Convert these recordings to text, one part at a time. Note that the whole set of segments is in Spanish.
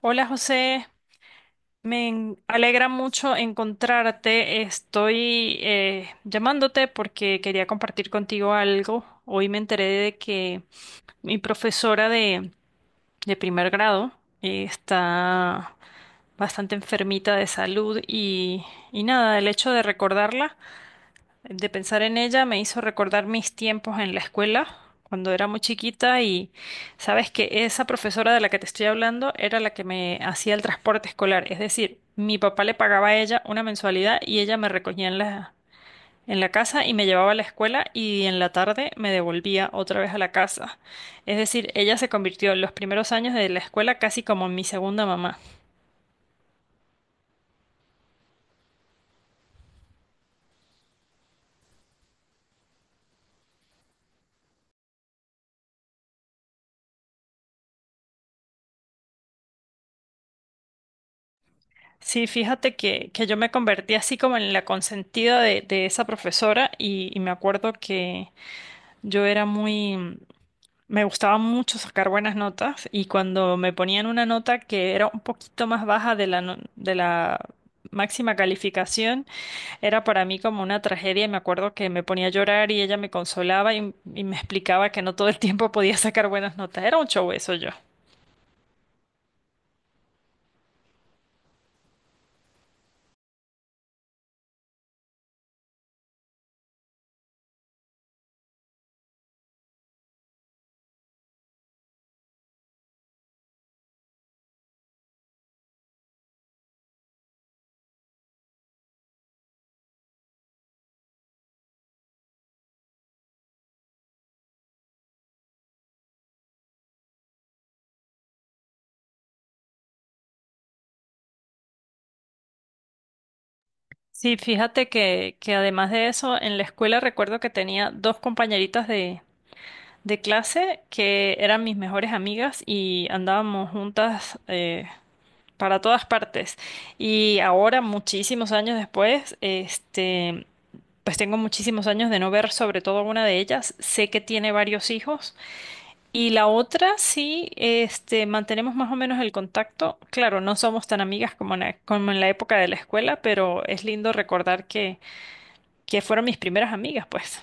Hola José, alegra mucho encontrarte. Estoy llamándote porque quería compartir contigo algo. Hoy me enteré de que mi profesora de primer grado está bastante enfermita de salud y nada, el hecho de recordarla. De pensar en ella me hizo recordar mis tiempos en la escuela, cuando era muy chiquita y sabes que esa profesora de la que te estoy hablando era la que me hacía el transporte escolar, es decir, mi papá le pagaba a ella una mensualidad y ella me recogía en la casa y me llevaba a la escuela y en la tarde me devolvía otra vez a la casa. Es decir, ella se convirtió en los primeros años de la escuela casi como mi segunda mamá. Sí, fíjate que yo me convertí así como en la consentida de esa profesora y me acuerdo que yo era muy, me gustaba mucho sacar buenas notas y cuando me ponían una nota que era un poquito más baja de la, no- de la máxima calificación, era para mí como una tragedia y me acuerdo que me ponía a llorar y ella me consolaba y me explicaba que no todo el tiempo podía sacar buenas notas. Era un show eso yo. Sí, fíjate que además de eso, en la escuela recuerdo que tenía dos compañeritas de clase que eran mis mejores amigas y andábamos juntas para todas partes. Y ahora, muchísimos años después, este, pues tengo muchísimos años de no ver sobre todo a una de ellas. Sé que tiene varios hijos. Y la otra sí, este, mantenemos más o menos el contacto. Claro, no somos tan amigas como como en la época de la escuela, pero es lindo recordar que fueron mis primeras amigas, pues.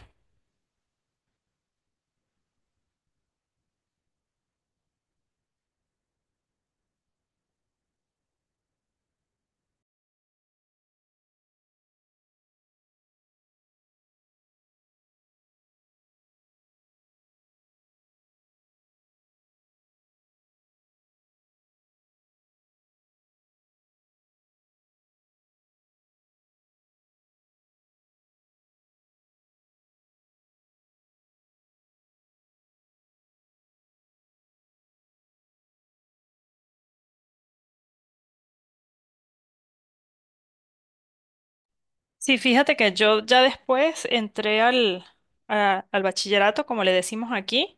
Sí, fíjate que yo ya después entré al bachillerato, como le decimos aquí,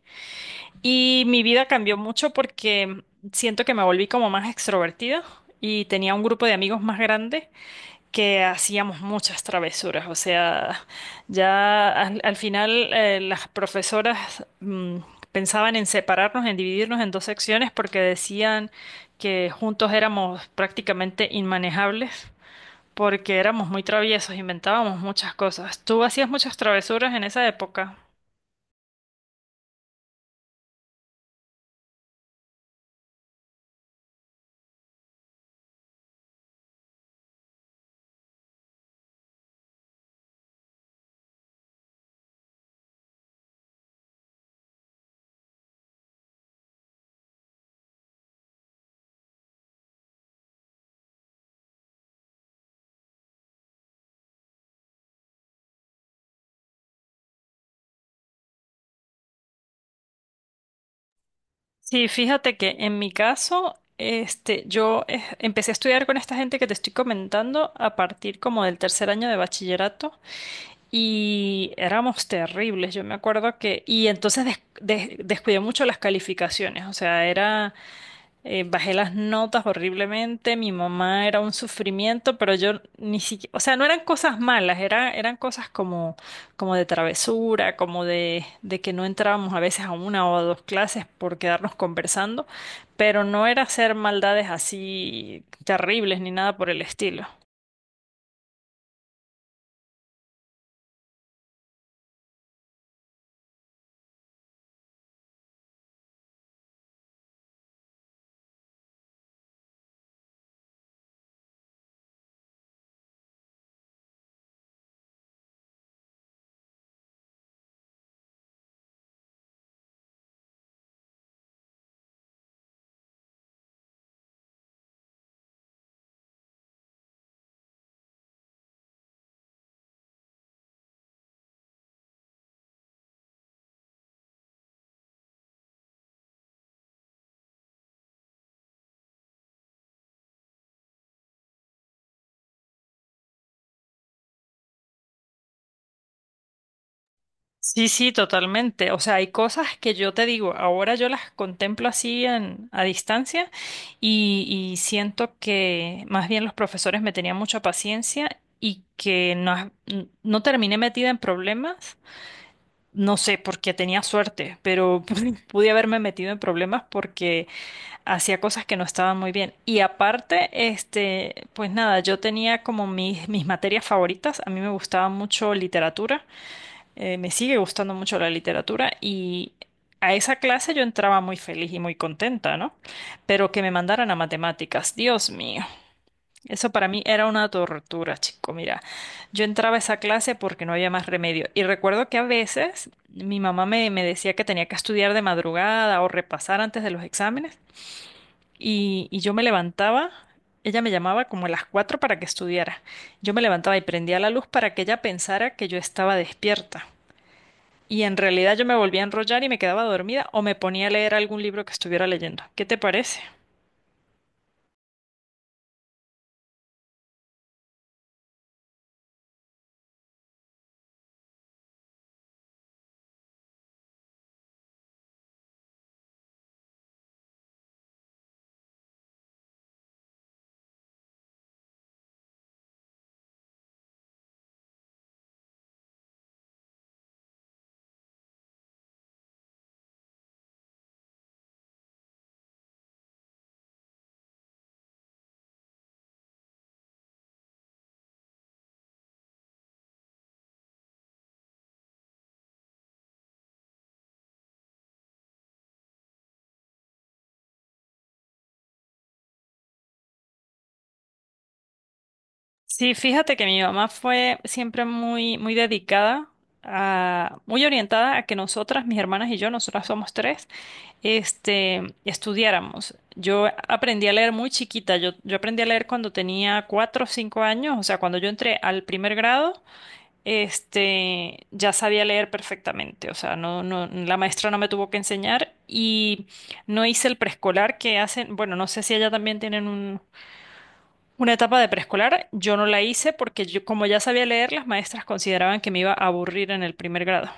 y mi vida cambió mucho porque siento que me volví como más extrovertida y tenía un grupo de amigos más grande que hacíamos muchas travesuras. O sea, ya al final las profesoras pensaban en separarnos, en dividirnos en dos secciones porque decían que juntos éramos prácticamente inmanejables, porque éramos muy traviesos, inventábamos muchas cosas. ¿Tú hacías muchas travesuras en esa época? Sí, fíjate que en mi caso, este, yo empecé a estudiar con esta gente que te estoy comentando a partir como del tercer año de bachillerato y éramos terribles, yo me acuerdo que, y entonces descuidé mucho las calificaciones, o sea, era... bajé las notas horriblemente, mi mamá era un sufrimiento, pero yo ni siquiera, o sea, no eran cosas malas, era, eran cosas como, como de travesura, como de que no entrábamos a veces a una o a dos clases por quedarnos conversando, pero no era hacer maldades así terribles ni nada por el estilo. Sí, sí, totalmente. O sea, hay cosas que yo te digo, ahora yo las contemplo así a distancia y, y siento que más bien los profesores me tenían mucha paciencia y que no, no terminé metida en problemas. No sé, porque tenía suerte, pero pude haberme metido en problemas porque hacía cosas que no estaban muy bien. Y aparte, este, pues nada, yo tenía como mis materias favoritas. A mí me gustaba mucho literatura. Me sigue gustando mucho la literatura y a esa clase yo entraba muy feliz y muy contenta, ¿no? Pero que me mandaran a matemáticas, Dios mío, eso para mí era una tortura, chico. Mira, yo entraba a esa clase porque no había más remedio. Y recuerdo que a veces mi mamá me decía que tenía que estudiar de madrugada o repasar antes de los exámenes y yo me levantaba. Ella me llamaba como a las 4 para que estudiara. Yo me levantaba y prendía la luz para que ella pensara que yo estaba despierta. Y en realidad yo me volvía a enrollar y me quedaba dormida o me ponía a leer algún libro que estuviera leyendo. ¿Qué te parece? Sí, fíjate que mi mamá fue siempre muy, muy dedicada a, muy orientada a que nosotras, mis hermanas y yo, nosotras somos tres, este, estudiáramos. Yo aprendí a leer muy chiquita. Yo aprendí a leer cuando tenía 4 o 5 años, o sea, cuando yo entré al primer grado, este, ya sabía leer perfectamente, o sea, no, no, la maestra no me tuvo que enseñar y no hice el preescolar que hacen, bueno, no sé si allá también tienen una etapa de preescolar, yo no la hice porque yo, como ya sabía leer, las maestras consideraban que me iba a aburrir en el primer grado.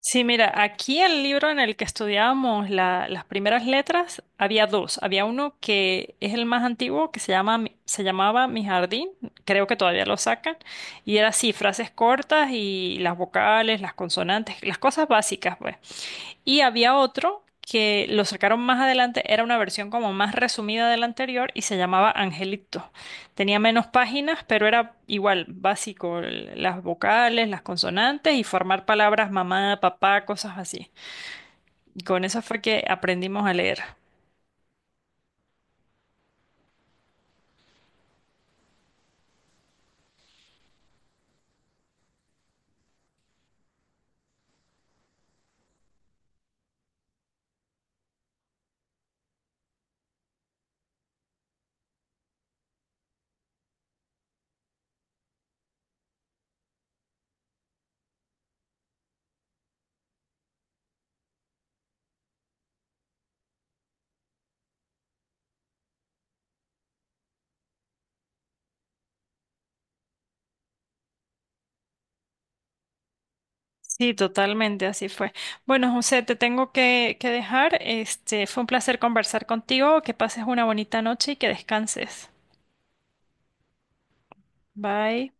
Sí, mira, aquí el libro en el que estudiábamos las primeras letras había dos. Había uno que es el más antiguo, que se llama, se llamaba Mi Jardín, creo que todavía lo sacan, y era así, frases cortas y las vocales, las consonantes, las cosas básicas, pues. Y había otro que lo sacaron más adelante, era una versión como más resumida de la anterior y se llamaba Angelito. Tenía menos páginas, pero era igual, básico, las vocales, las consonantes y formar palabras mamá, papá, cosas así. Y con eso fue que aprendimos a leer. Sí, totalmente, así fue. Bueno, José, te tengo que dejar. Este, fue un placer conversar contigo. Que pases una bonita noche y que descanses. Bye.